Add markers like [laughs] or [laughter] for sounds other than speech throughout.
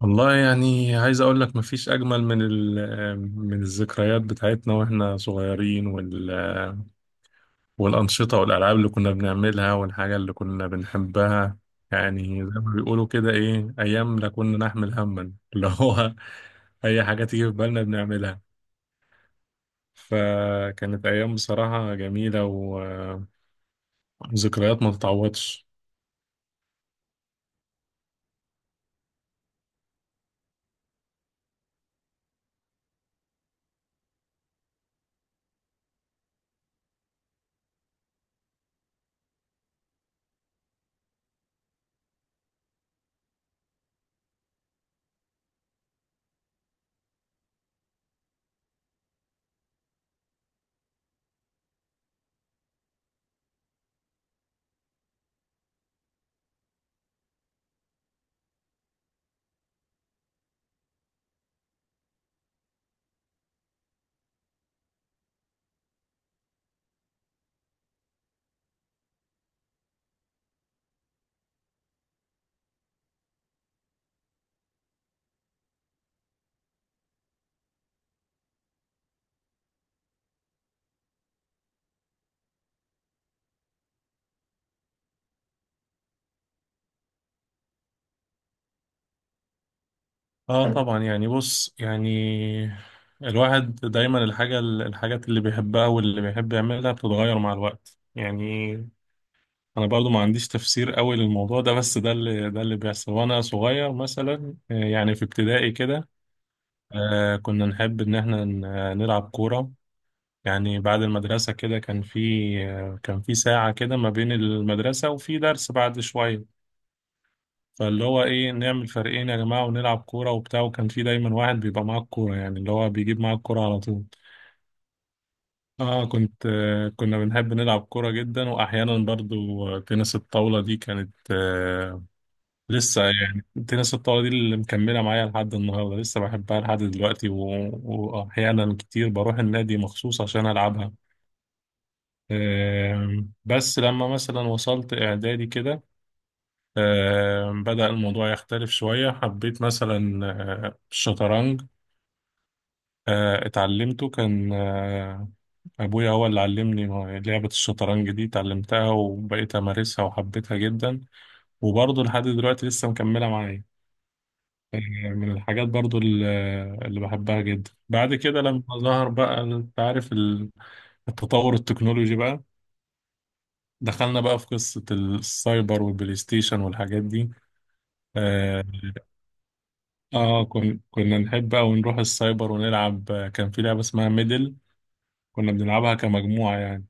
والله يعني عايز اقول لك مفيش اجمل من من الذكريات بتاعتنا واحنا صغيرين وال آه، والانشطه والالعاب اللي كنا بنعملها والحاجه اللي كنا بنحبها. يعني زي ما بيقولوا كده ايه ايام لا كنا نحمل هما اللي هو [laughs] اي حاجه تيجي في بالنا بنعملها. فكانت ايام بصراحه جميله وذكريات ما تتعوضش. اه طبعا يعني بص يعني الواحد دايما الحاجات اللي بيحبها واللي بيحب يعملها بتتغير مع الوقت. يعني انا برضو ما عنديش تفسير قوي للموضوع ده، بس ده اللي بيحصل. وانا صغير مثلا، يعني في ابتدائي كده كنا نحب ان احنا نلعب كورة. يعني بعد المدرسة كده كان في، كان في ساعة كده ما بين المدرسة وفي درس بعد شوية، فاللي هو ايه نعمل فريقين يا جماعة ونلعب كورة وبتاع. وكان في دايما واحد بيبقى معاه الكورة، يعني اللي هو بيجيب معاه الكورة على طول. اه كنت آه كنا بنحب نلعب كورة جدا. واحيانا برضو، تنس الطاولة دي كانت آه لسه، يعني تنس الطاولة دي اللي مكملة معايا لحد النهاردة، لسه بحبها لحد دلوقتي واحيانا كتير بروح النادي مخصوص عشان العبها. آه بس لما مثلا وصلت اعدادي كده، بدأ الموضوع يختلف شوية. حبيت مثلا الشطرنج، اتعلمته. كان أبويا هو اللي علمني لعبة الشطرنج دي، اتعلمتها وبقيت أمارسها وحبيتها جدا. وبرضه لحد دلوقتي لسه مكملة معايا. آه، من الحاجات برضه اللي بحبها جدا بعد كده، لما ظهر بقى أنت عارف التطور التكنولوجي بقى، دخلنا بقى في قصة السايبر والبلاي ستيشن والحاجات دي. آه، اه كنا نحب أوي نروح السايبر ونلعب. كان في لعبة اسمها ميدل، كنا بنلعبها كمجموعة يعني.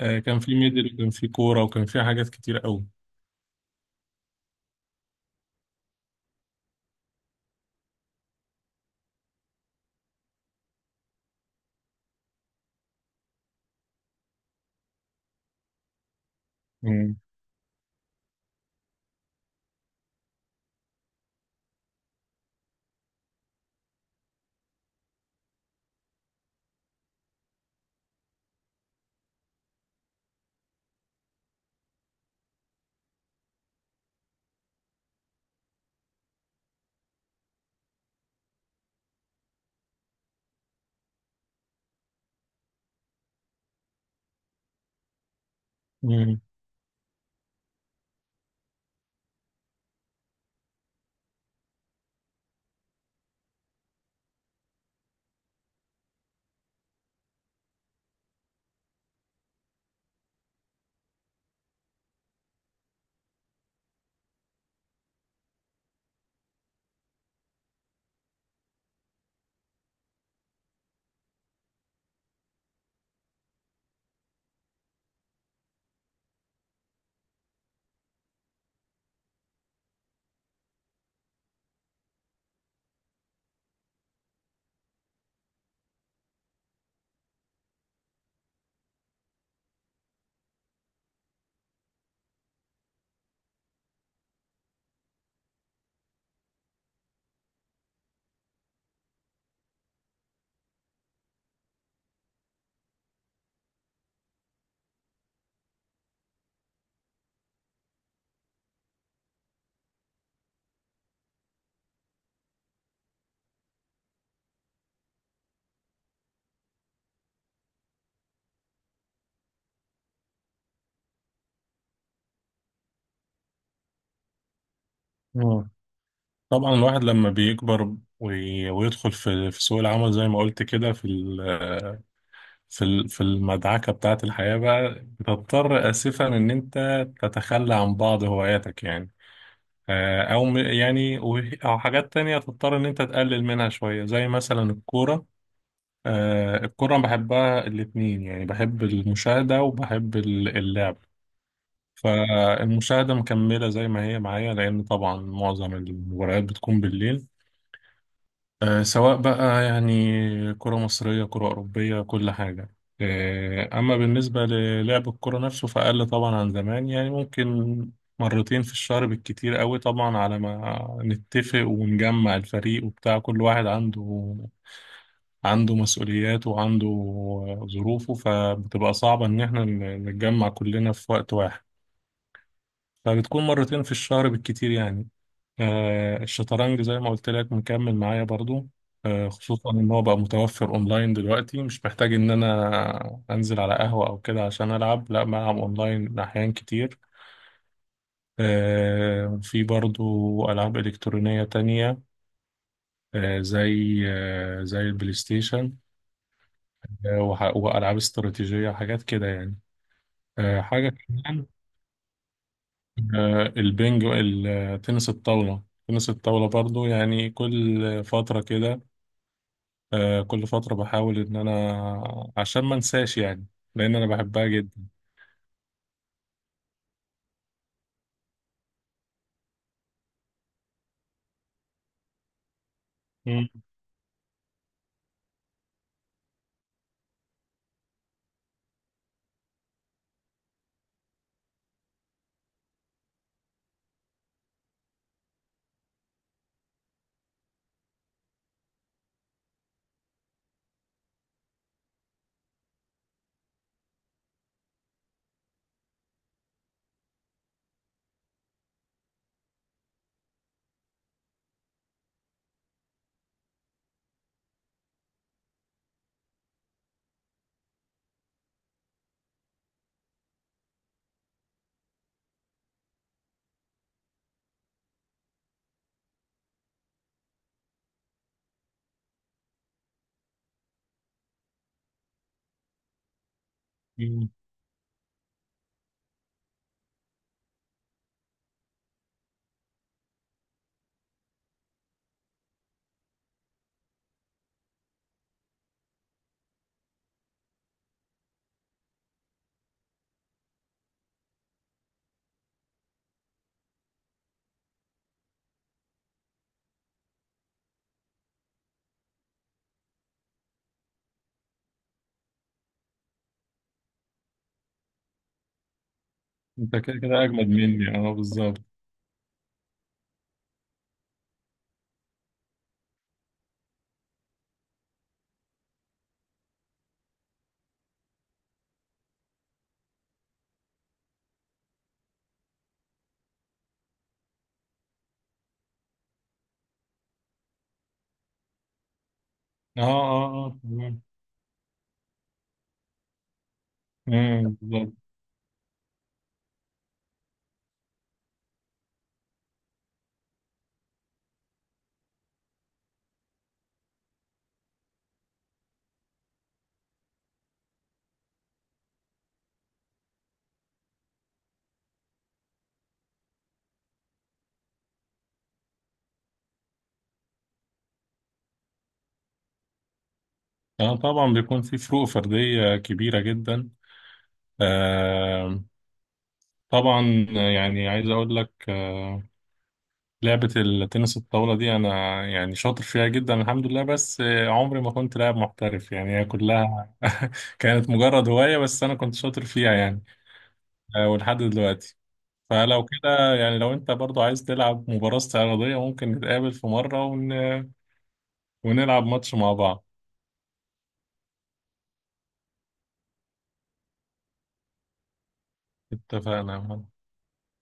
آه كان في ميدل وكان في كورة وكان في حاجات كتير أوي. مم. مم. آه. طبعا الواحد لما بيكبر وي... ويدخل في سوق العمل زي ما قلت كده، في المدعكة بتاعة الحياة بقى بتضطر آسفا إن أنت تتخلى عن بعض هواياتك. يعني او يعني او حاجات تانية تضطر ان انت تقلل منها شوية، زي مثلا الكورة. الكرة بحبها الاتنين، يعني بحب المشاهدة وبحب اللعب. فالمشاهدة مكملة زي ما هي معايا، لأن طبعا معظم المباريات بتكون بالليل. سواء بقى يعني كرة مصرية، كرة أوروبية، كل حاجة. أما بالنسبة للعب الكرة نفسه فأقل طبعا عن زمان، يعني ممكن مرتين في الشهر بالكتير قوي. طبعا على ما نتفق ونجمع الفريق وبتاع، كل واحد عنده، عنده مسؤولياته وعنده ظروفه، فبتبقى صعبة إن احنا نتجمع كلنا في وقت واحد. فبتكون مرتين في الشهر بالكتير يعني. الشطرنج زي ما قلت لك مكمل معايا برضو، خصوصا ان هو بقى متوفر اونلاين دلوقتي، مش محتاج ان انا انزل على قهوة او كده عشان العب، لا بلعب اونلاين احيان كتير. في برضو العاب الكترونية تانية، زي البلاي ستيشن. والعاب استراتيجية حاجات كده يعني. حاجة كمان، البنج التنس الطاولة تنس الطاولة برضو، يعني كل فترة كده آه كل فترة بحاول إن أنا عشان ما أنساش، يعني لأن أنا بحبها جدا. مم. مم. أنت كده كده أجمد مني. أه بالظبط. أه أه أه تمام. مم، بالظبط. أه طبعا بيكون في فروق فردية كبيرة جدا. آه طبعا. يعني عايز أقول لك آه لعبة التنس الطاولة دي أنا، يعني شاطر فيها جدا الحمد لله. بس عمري ما كنت لاعب محترف يعني، هي كلها [laughs] كانت مجرد هواية، بس أنا كنت شاطر فيها يعني، آه ولحد دلوقتي. فلو كده يعني، لو انت برضو عايز تلعب مباراة استعراضية، ممكن نتقابل في مرة ونلعب ماتش مع بعض. اتفقنا.